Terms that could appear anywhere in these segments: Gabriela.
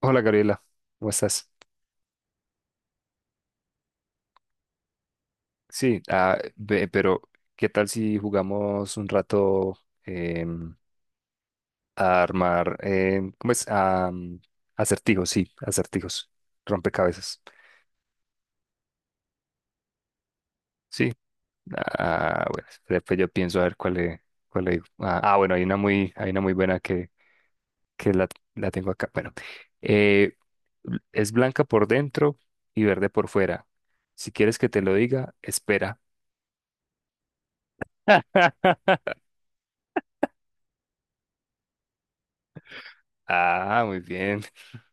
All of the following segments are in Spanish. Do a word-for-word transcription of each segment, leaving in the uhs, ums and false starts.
Hola Gabriela, ¿cómo estás? Sí, ah, ve- pero ¿qué tal si jugamos un rato em, a armar, em, ¿cómo es? A, mm, acertijos, sí, acertijos, rompecabezas. Sí, ah, bueno, espera, pues yo pienso a ver cuál le, cuál le digo. Ah, ah, bueno, hay una muy, hay una muy buena que, que la, la tengo acá. Bueno, eh, bl- es blanca por dentro y verde por fuera. Si quieres que te lo diga, espera. Ah, muy bien.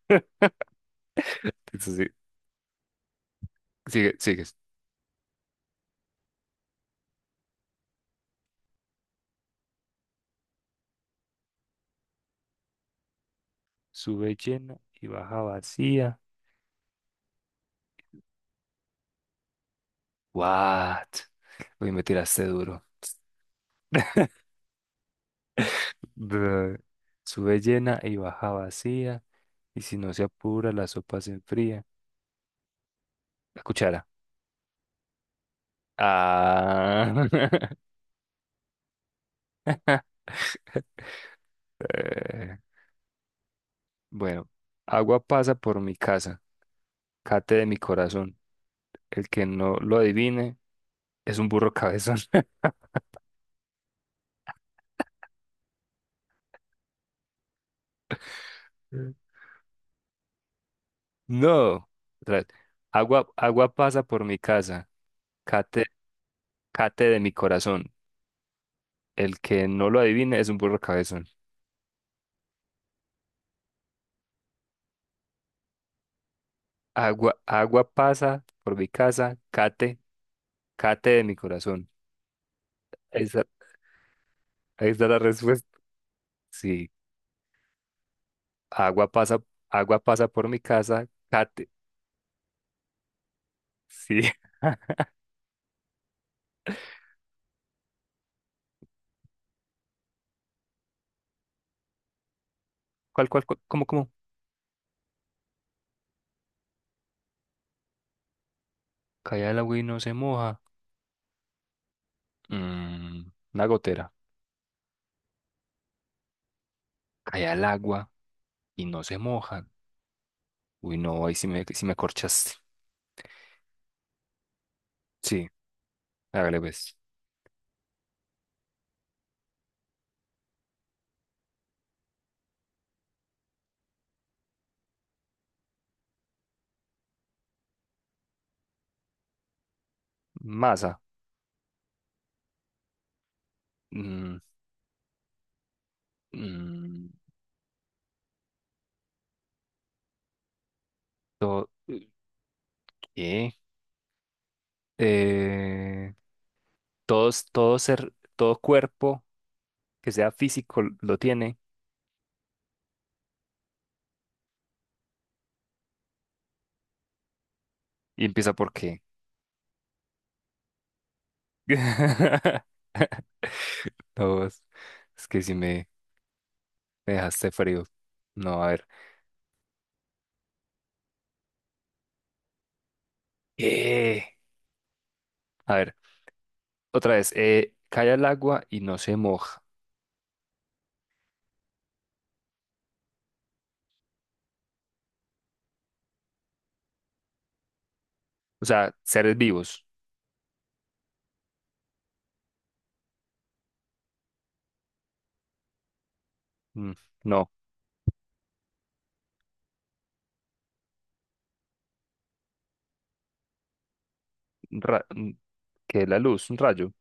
Eso sí. Sigue, sigues. Sube llena y baja vacía. What? Uy, me tiraste duro. Bleh. Sube llena y baja vacía. Y si no se apura, la sopa se enfría. La cuchara. Ah. Eh, bueno, agua pasa por mi casa. Cate de mi corazón. El que no lo adivine es un burro cabezón. No. Otra vez. Agua, agua pasa por mi casa. Cate, cate de mi corazón. El que no lo adivine es un burro cabezón. Agua, agua pasa por mi casa. Cate, cate de mi corazón. Esa, ahí está la respuesta. Sí, agua pasa, agua pasa por mi casa. Cate, sí. ¿Cuál, cuál, cuál? ¿Cómo, cómo? Cae el agua y no se moja. Mm, una gotera. Cae el agua y no se moja. Uy, no, ahí sí me, sí me corchaste. Sí, hágale pues. Masa. Mm, mm, to- ¿qué? eh, todos, todo ser, todo cuerpo que sea físico lo tiene y empieza por qué. No, es es que si me, me dejaste frío. No, a ver. Eh, a ver, otra vez. Eh, cae al agua y no se moja. O sea, seres vivos. Mm, no, ra- mm, que la luz, un rayo.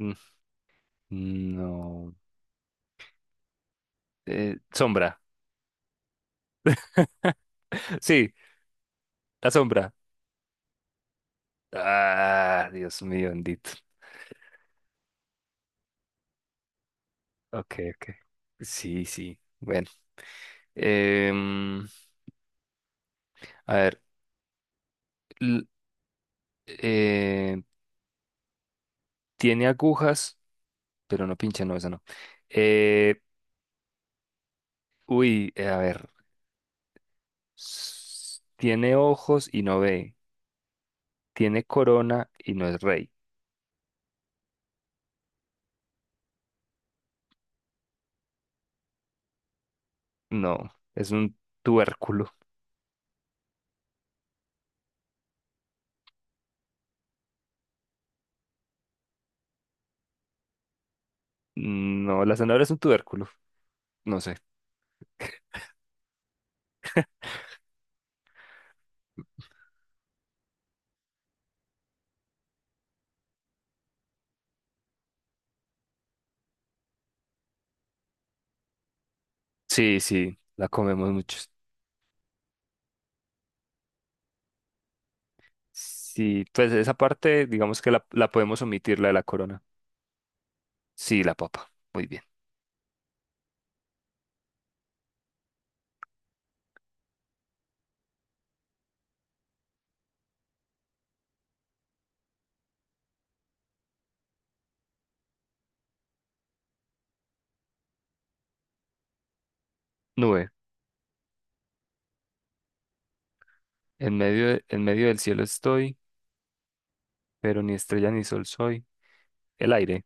Mm, no, Eh, sombra. Sí, la sombra. Ah, Dios mío, bendito. Ok, ok. Sí, sí. Bueno. Em, a ver. l- eh, tiene agujas, pero no pincha, no, esa no. Eh, uy, eh, a ver. s- Tiene ojos y no ve. Tiene corona y no es rey. No, es un tubérculo. No, la zanahoria es un tubérculo. No sé. Sí, sí, la comemos muchos. Sí, pues esa parte, digamos que la, la podemos omitir, la de la corona. Sí, la papa. Muy bien. Nube. En medio, de- en medio del cielo estoy, pero ni estrella ni sol soy. El aire.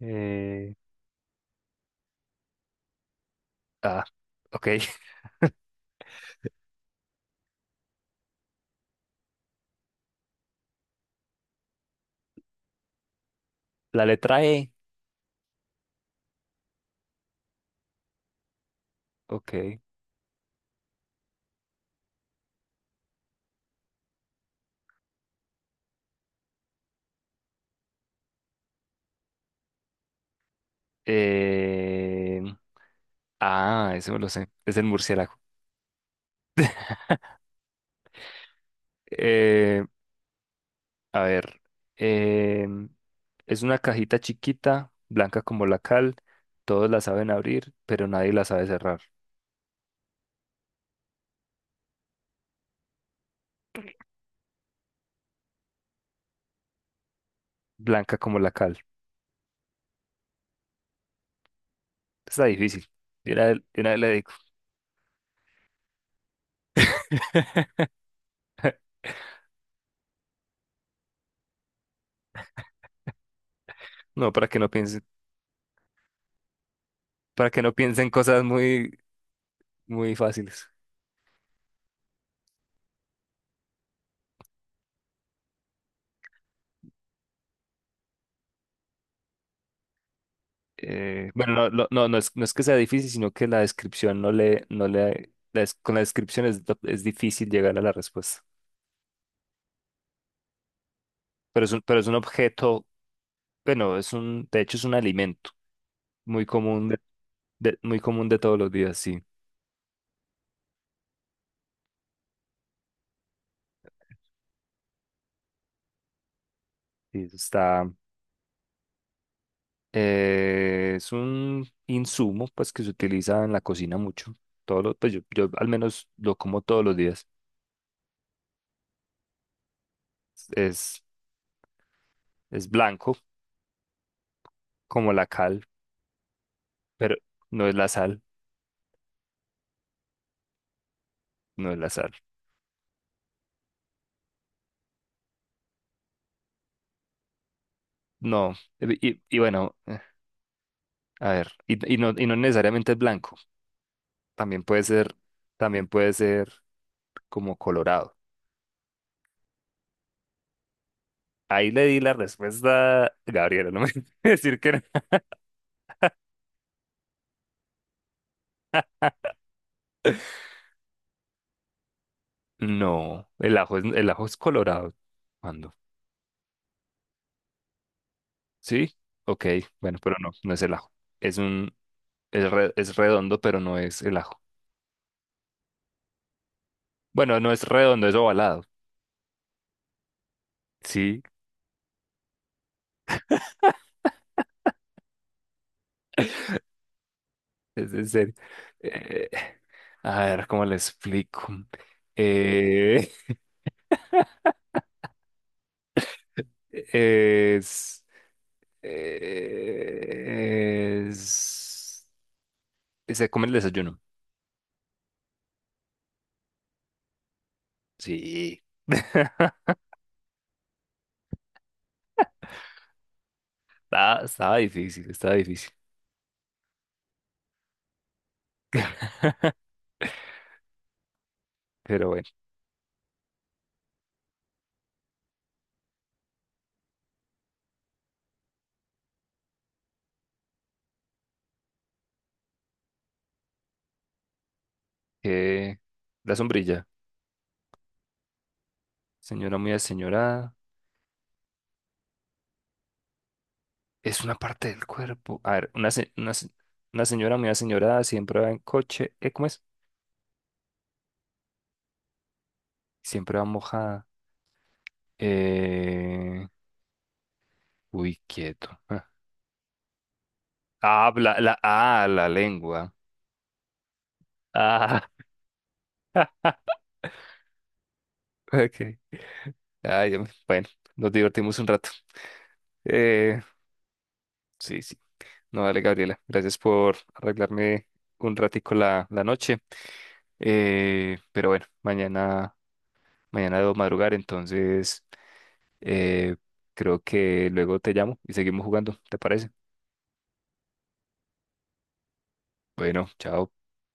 Eh, ah, ok. La letra E. Ok. Eh, ah, eso me lo sé. Es el murciélago. Eh, a ver. eh, es una cajita chiquita, blanca como la cal. Todos la saben abrir, pero nadie la sabe cerrar. Blanca como la cal. Está difícil. Yo una, de una vez le digo. No, para que no piensen, para que no piensen cosas muy muy fáciles. Eh, bueno, no, no, no, no es, no es que sea difícil, sino que la descripción no le, no le, la des- con la descripción es, es difícil llegar a la respuesta. Pero es un, pero es un objeto, bueno, es un, de hecho es un alimento muy común de, de- muy común de todos los días, sí. Sí, eso está, eh, es un insumo, pues, que se utiliza en la cocina mucho. Todos los, pues yo, yo al menos lo como todos los días. Es, es blanco, como la cal, pero no es la sal, no es la sal. No, y, y- y bueno, eh, a ver, y, y no, y no necesariamente es blanco, también puede ser, también puede ser como colorado. Ahí le di la respuesta, Gabriela, no me decir que no. No, el ajo es, el ajo es colorado. ¿Cuándo? ¿Sí? Ok, bueno, pero no, no es el ajo. Es un, es, re- es redondo, pero no es el ajo. Bueno, no es redondo, es ovalado. Sí, es en serio. Eh, a ver, ¿cómo le explico? Eh, Es, es, es a comer el desayuno. Sí. Estaba, estaba difícil, estaba difícil. Pero bueno, eh, la sombrilla, señora muy aseñorada, es una parte del cuerpo. A ver, una, se- una, se- una señora muy aseñorada siempre va en coche. ¿Eh, cómo es? Siempre va mojada. Eh, uy, quieto. Ah, ah, la, la, ah, la lengua. Ah, ok. Ay, em, bueno, nos divertimos un rato. Eh, sí, sí. No, dale, Gabriela. Gracias por arreglarme un ratico la, la noche. Eh, pero bueno, mañana, mañana debo madrugar, entonces eh, creo que luego te llamo y seguimos jugando, ¿te parece? Bueno, chao.